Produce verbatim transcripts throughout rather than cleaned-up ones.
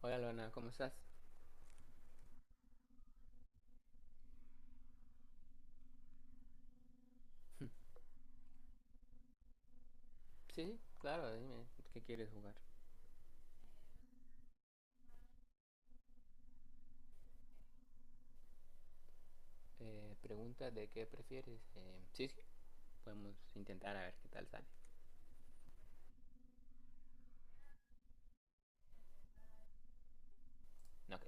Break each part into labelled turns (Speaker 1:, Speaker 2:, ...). Speaker 1: Hola Luana, ¿cómo estás? Sí, sí, claro, dime, ¿qué quieres jugar? Eh, pregunta de qué prefieres. Eh, sí, sí, podemos intentar a ver qué tal sale. Ok.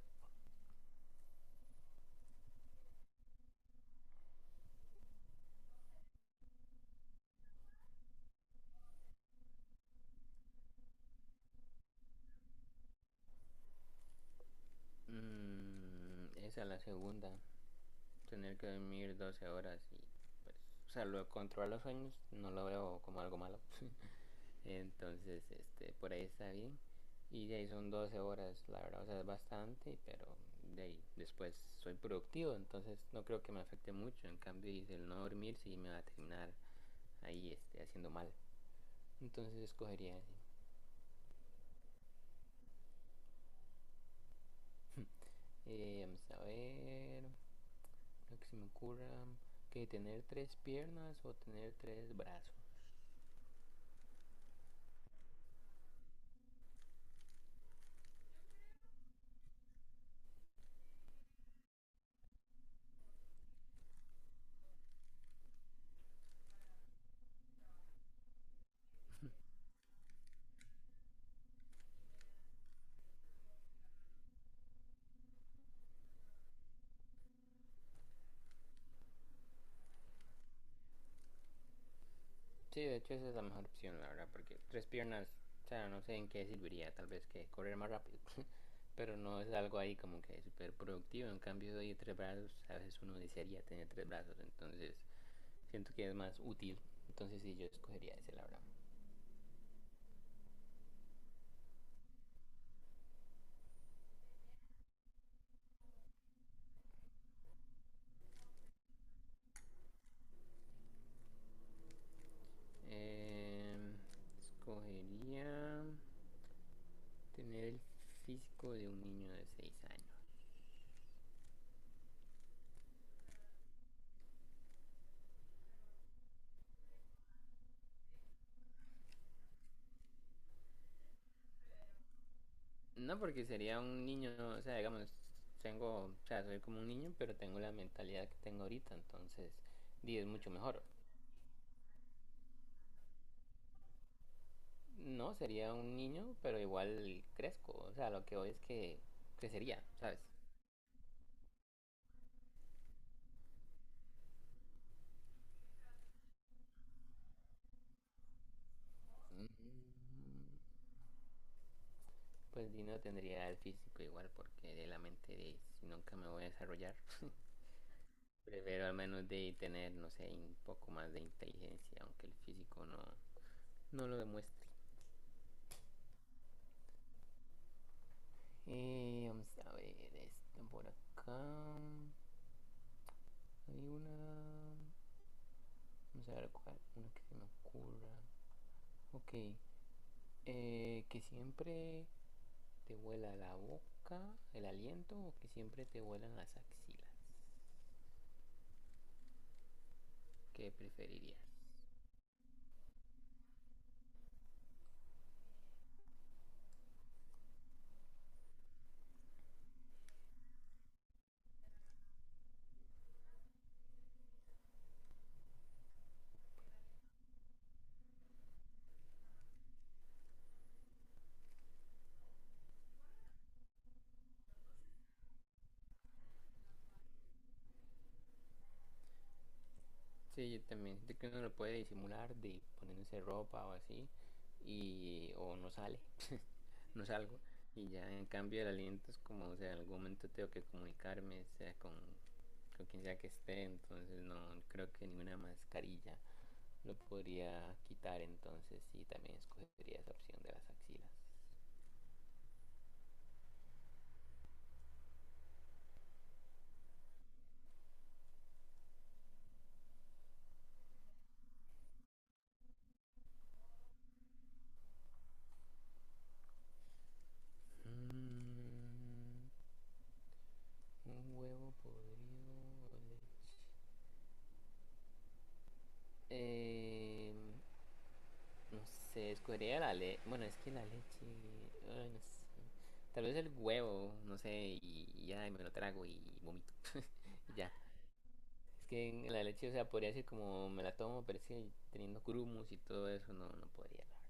Speaker 1: Mm, esa es la segunda. Tener que dormir doce horas y pues... O sea, lo de controlar los sueños no lo veo como algo malo. Entonces, este, por ahí está bien. Y de ahí son doce horas, la verdad, o sea, es bastante, pero de ahí después soy productivo, entonces no creo que me afecte mucho. En cambio, el no dormir sí me va a terminar ahí este, haciendo mal. Entonces escogería ese. Eh, vamos a ver, lo que se me ocurra, que tener tres piernas o tener tres brazos. Sí, de hecho esa es la mejor opción, la verdad, porque tres piernas, o sea, no sé en qué serviría, tal vez que correr más rápido, pero no es algo ahí como que súper productivo. En cambio, de tres brazos, a veces uno desearía tener tres brazos, entonces siento que es más útil. Entonces sí, yo escogería ese, la verdad. Eh, escogería tener el físico de un niño de seis años. No porque sería un niño, o sea, digamos, tengo, o sea, soy como un niño, pero tengo la mentalidad que tengo ahorita, entonces diez es mucho mejor. No, sería un niño, pero igual crezco, o sea, lo que hoy es que crecería, ¿sabes? Mm, pues Dino tendría el físico igual porque de la mente de si nunca me voy a desarrollar. Prefiero al menos de tener, no sé, un poco más de inteligencia, aunque el físico no, no lo demuestre. Eh, vamos a ver esto por acá. Hay una. Vamos a ver cuál. Una que se me ocurra. Ok. Eh, que siempre te huela la boca, el aliento, o que siempre te huelan las axilas. ¿Qué preferirías? Sí, yo también. Siento que uno lo puede disimular de poniéndose ropa o así, y o no sale, no salgo. Y ya en cambio el aliento es como, o sea, en algún momento tengo que comunicarme, sea con, con quien sea que esté, entonces no creo que ninguna mascarilla lo podría quitar, entonces sí, también escogería esa opción de las axilas. Mm, un huevo podrido o leche. Em, No sé, escogería la leche. Bueno, es que la leche. Ay, no sé. Tal vez el huevo, no sé, y, y ya y me lo trago y vomito. Y ya. Es que en la leche, o sea, podría ser como me la tomo, pero es que teniendo grumos y todo eso, no, no podría, la verdad.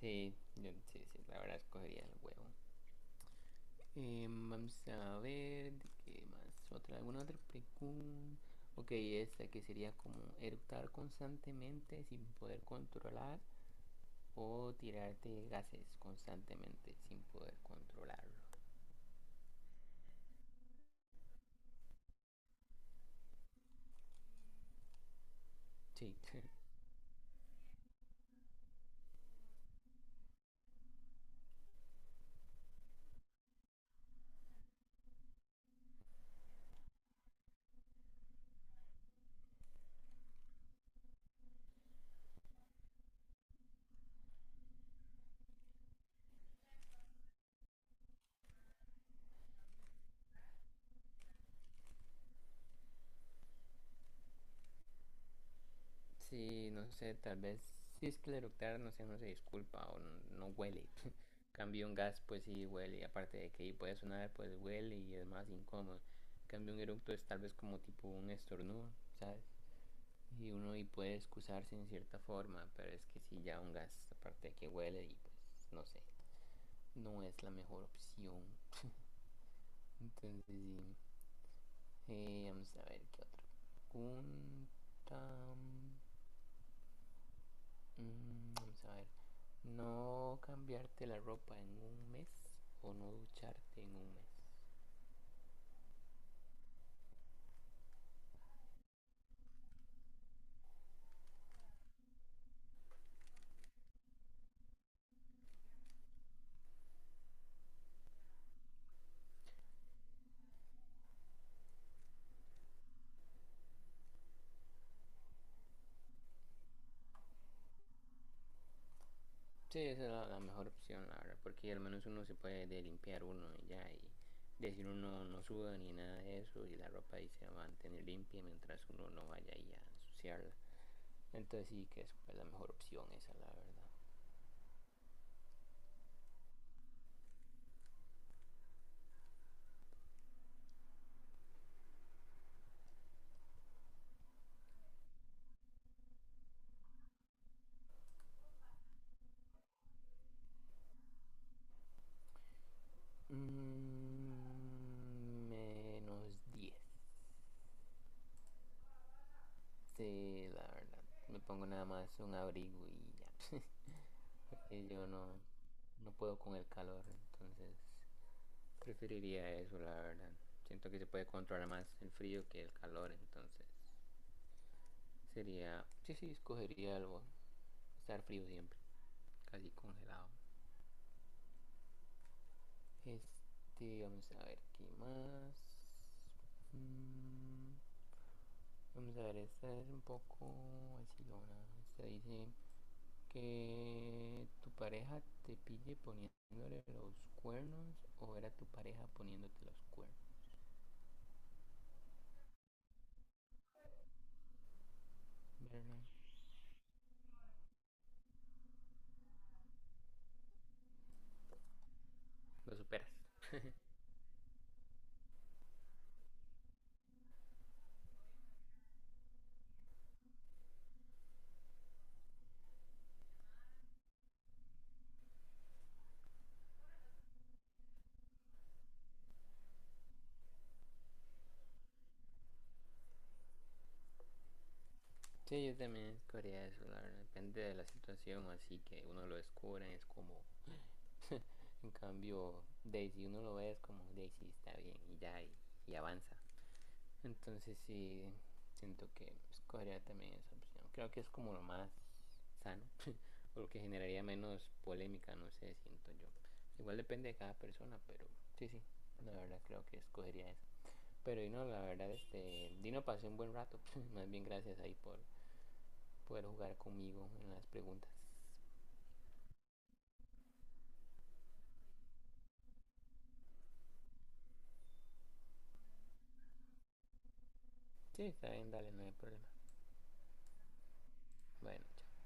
Speaker 1: Sí, yo- sí, sí, la verdad escogería el huevo. Eh, vamos a ver, ¿de ¿qué más? ¿Otra, alguna otra pregunta? Ok, esta que sería como eructar constantemente sin poder controlar o tirarte gases constantemente sin poder controlarlo. Sí, sí, no sé, tal vez si es que el eructar, no sé, no se disculpa o no, no huele. Cambio un gas, pues sí huele, aparte de que puede sonar, pues huele y es más incómodo. Cambio un eructo es tal vez como tipo un estornudo, ¿sabes? Y uno y puede excusarse en cierta forma, pero es que si ya un gas, aparte de que huele y pues no sé, no es la mejor opción. Entonces sí, Eh, vamos a ver qué otra pregunta. Mm, vamos a ver. No cambiarte la ropa en un mes o no ducharte en un mes. Sí, esa es la, la mejor opción, la verdad, porque al menos uno se puede limpiar uno y ya, y decir uno no suda ni nada de eso, y la ropa ahí se va a mantener limpia mientras uno no vaya ahí a ensuciarla. Entonces sí que es pues, la mejor opción esa, la verdad. Mm, menos diez. Sí, la verdad. Me pongo nada más un abrigo y ya. Y yo no, no puedo con el calor, entonces preferiría eso, la verdad. Siento que se puede controlar más el frío que el calor, entonces sería... Sí, sí, escogería algo. Estar frío siempre, casi congelado. Este, vamos a ver qué más. Mm, vamos a ver, esta es un poco así, ¿no? Esta dice... Que tu pareja te pille poniéndole los cuernos o era tu pareja poniéndote los cuernos. ¿Verdad? Lo superas. Sí, yo también escogería eso, la verdad. Depende de la situación, así que uno lo descubre, es como. En cambio, Daisy, uno lo ve, es como Daisy está bien y ya, y, y avanza. Entonces sí, siento que escogería también esa opción. Creo que es como lo más sano, o lo que generaría menos polémica, no sé, siento yo. Igual depende de cada persona, pero sí, sí, la verdad creo que escogería esa. Pero Dino, la verdad, este, Dino pasé un buen rato, más bien gracias ahí por poder jugar conmigo en las preguntas. Sí, está bien, dale, no hay problema. Bueno, chao.